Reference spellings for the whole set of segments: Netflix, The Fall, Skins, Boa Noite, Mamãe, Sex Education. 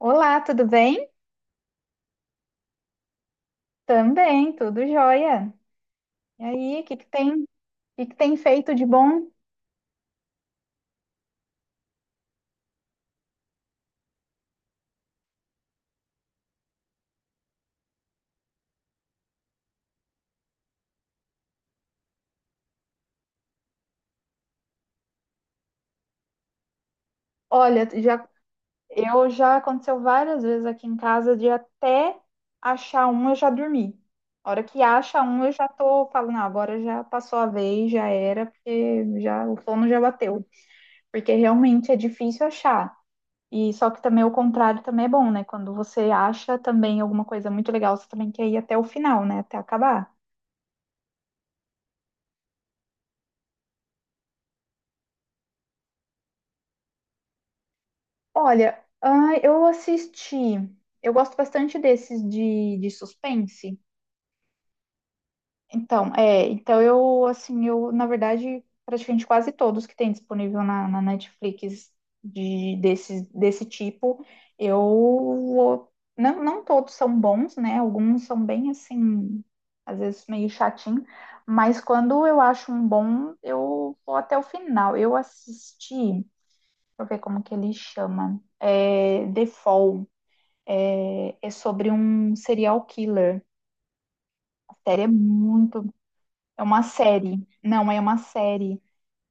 Olá, tudo bem? Também, tudo jóia. E aí, o que que tem feito de bom? Olha, eu já aconteceu várias vezes aqui em casa de até achar um, eu já dormi. A hora que acha um, eu já tô falando, não, agora já passou a vez, já era, porque já o sono já bateu. Porque realmente é difícil achar. E só que também o contrário também é bom, né? Quando você acha também alguma coisa muito legal, você também quer ir até o final, né? Até acabar. Olha, ah, eu assisti. Eu gosto bastante desses de suspense. Então, é, então eu assim, eu na verdade praticamente quase todos que tem disponível na Netflix desse tipo, não todos são bons, né? Alguns são bem assim, às vezes meio chatinho, mas quando eu acho um bom, eu vou até o final. Eu assisti, deixa eu ver como que ele chama, The Fall. É, é sobre um serial killer. A série é muito. É uma série. Não, é uma série.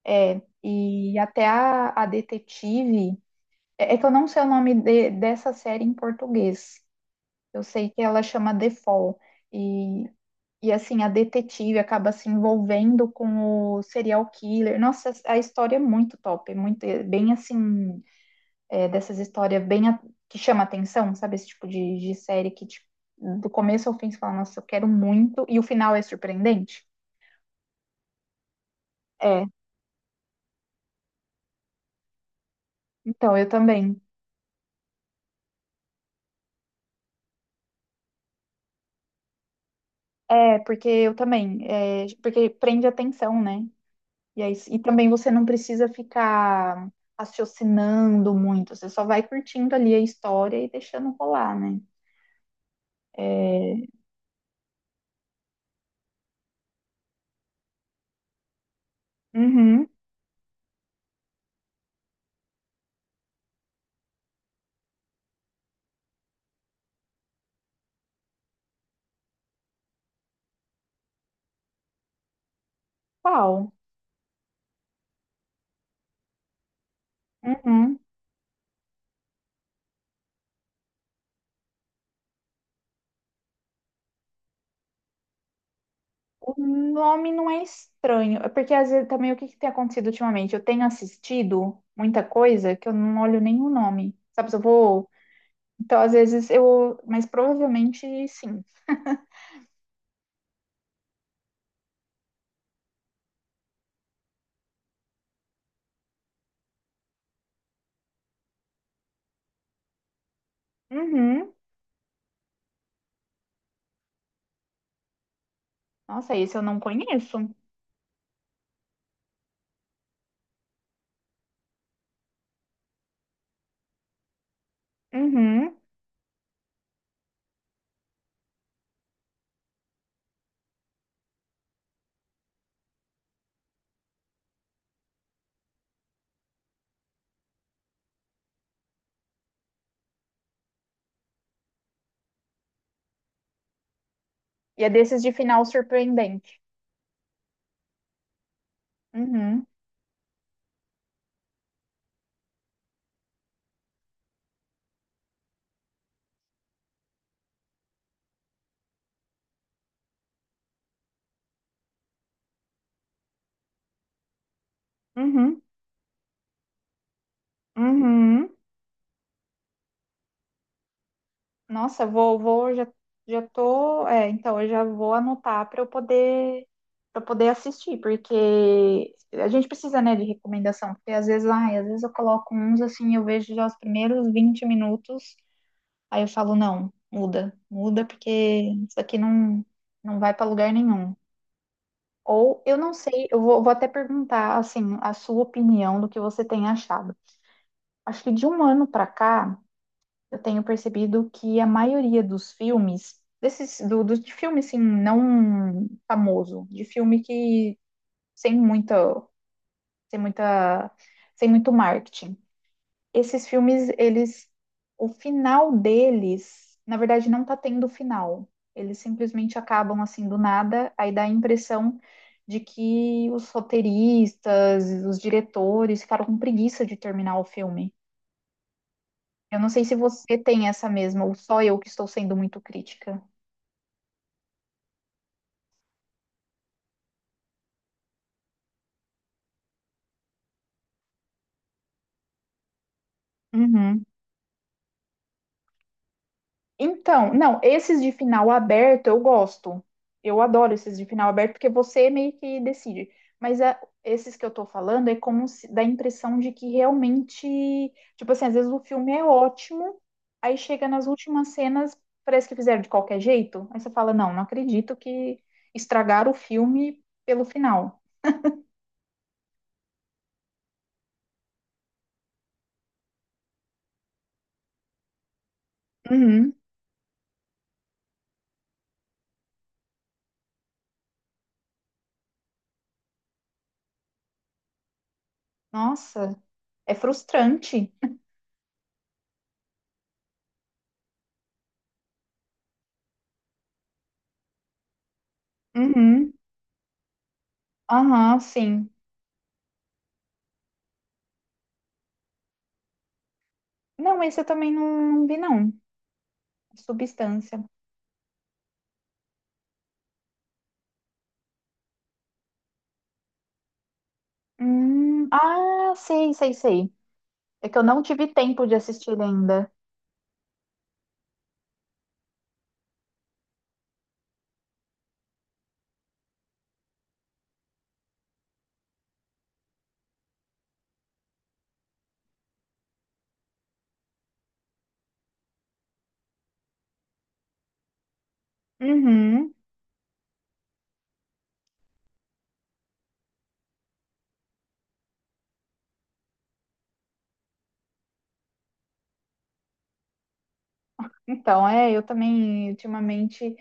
É. E até a detetive. É, é que eu não sei o nome dessa série em português. Eu sei que ela chama The Fall. E, e assim, a detetive acaba se envolvendo com o serial killer. Nossa, a história é muito top. É muito, é bem assim. Dessas histórias que chama atenção, sabe? Esse tipo de série que tipo, do começo ao fim você fala, nossa, eu quero muito, e o final é surpreendente. É, então, eu também. É, porque eu também. Porque prende a atenção, né? E, aí, e também você não precisa ficar raciocinando muito, você só vai curtindo ali a história e deixando rolar, né? É, uhum, qual? Uhum. O nome não é estranho, é porque às vezes também o que que tem acontecido ultimamente? Eu tenho assistido muita coisa que eu não olho nenhum nome, sabe? Se eu vou. Então, às vezes eu. Mas provavelmente sim. Uhum. Nossa, esse eu não conheço. Uhum. E é desses de final surpreendente. Uhum. Uhum. Uhum. Nossa, já tô, então eu já vou anotar para poder assistir, porque a gente precisa, né, de recomendação, porque às vezes, ai, às vezes eu coloco uns assim, eu vejo já os primeiros 20 minutos, aí eu falo, não, muda, muda, porque isso aqui não vai para lugar nenhum. Ou eu não sei, eu vou até perguntar assim, a sua opinião do que você tem achado. Acho que de um ano para cá eu tenho percebido que a maioria dos filmes, desses, de filme assim, não famoso, de filme que sem muita, sem muita, sem muito marketing. Esses filmes, eles, o final deles, na verdade, não tá tendo final. Eles simplesmente acabam assim do nada, aí dá a impressão de que os roteiristas, os diretores ficaram com preguiça de terminar o filme. Eu não sei se você tem essa mesma, ou só eu que estou sendo muito crítica. Uhum. Então, não, esses de final aberto eu gosto. Eu adoro esses de final aberto, porque você meio que decide. Mas esses que eu tô falando é como se dá a impressão de que realmente, tipo assim, às vezes o filme é ótimo, aí chega nas últimas cenas, parece que fizeram de qualquer jeito. Aí você fala, não, não acredito que estragaram o filme pelo final. Uhum. Nossa, é frustrante. Uhum. Aham, sim. Não, esse eu também não, não vi, não. Substância. Ah, sei, sei, sei. É que eu não tive tempo de assistir ainda. Uhum. Então, é, eu também, ultimamente,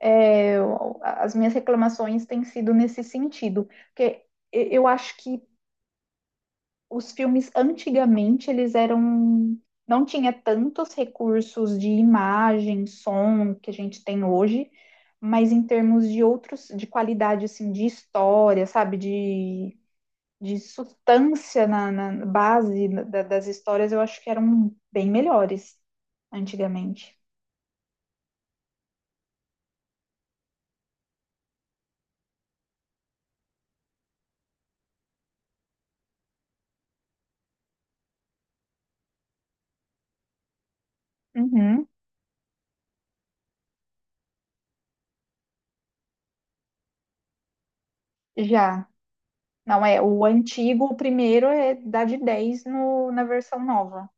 é, eu- as minhas reclamações têm sido nesse sentido. Porque eu acho que os filmes antigamente eles eram não tinha tantos recursos de imagem, som que a gente tem hoje, mas em termos de outros de qualidade assim de história, sabe, de substância na, na base das histórias, eu acho que eram bem melhores antigamente. Uhum, já. Não é, o antigo, o primeiro é dá de 10 no, na versão nova.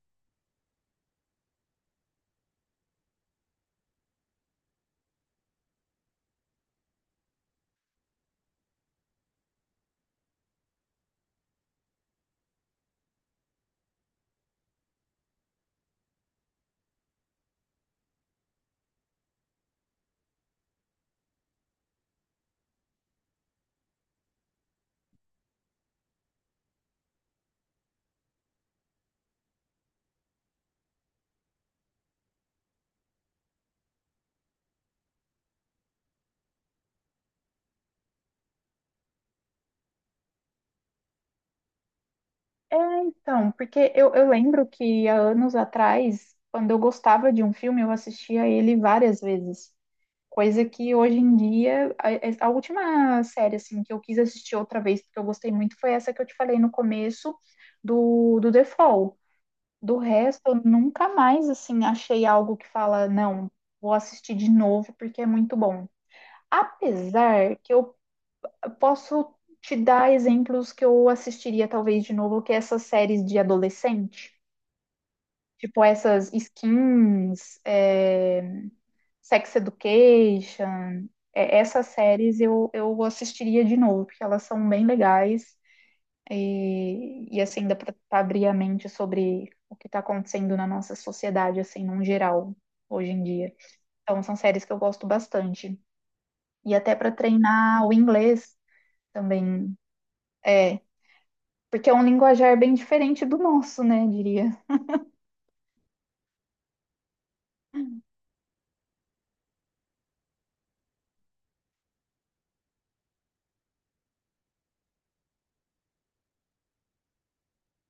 É, então, porque eu lembro que há anos atrás, quando eu gostava de um filme, eu assistia ele várias vezes. Coisa que hoje em dia, a, é, a última série assim que eu quis assistir outra vez, porque eu gostei muito, foi essa que eu te falei no começo do The Fall. Do resto, eu nunca mais assim achei algo que fala, não, vou assistir de novo porque é muito bom. Apesar que eu. Posso te dar exemplos que eu assistiria talvez de novo, que é essas séries de adolescente, tipo essas Skins, Sex Education, é, essas séries eu assistiria de novo, porque elas são bem legais e assim dá para abrir a mente sobre o que está acontecendo na nossa sociedade, assim, num geral, hoje em dia. Então são séries que eu gosto bastante. E até para treinar o inglês também. É, porque é um linguajar bem diferente do nosso, né, diria.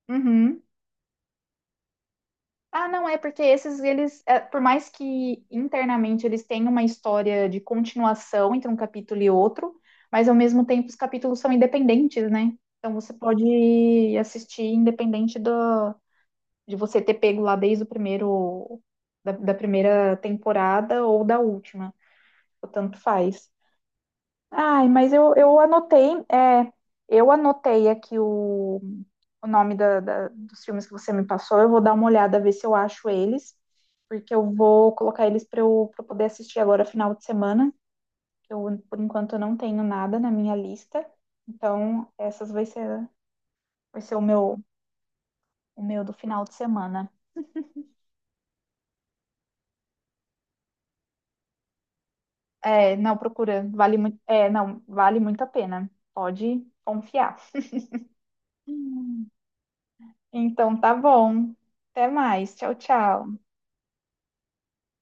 Uhum. Ah, não, é porque esses, eles, é, por mais que internamente eles tenham uma história de continuação entre um capítulo e outro, mas ao mesmo tempo os capítulos são independentes, né? Então você pode assistir independente do, de você ter pego lá desde o primeiro, da primeira temporada ou da última, o tanto faz. Ai, mas eu, anotei, é, eu anotei aqui o, nome dos filmes que você me passou. Eu vou dar uma olhada, ver se eu acho eles, porque eu vou colocar eles pra eu poder assistir agora final de semana. Que eu, por enquanto, eu não tenho nada na minha lista. Então, essas vai ser o meu, do final de semana. É, não, procura, vale muito, é, não, vale muito a pena. Pode confiar. Então, tá bom. Até mais. Tchau, tchau.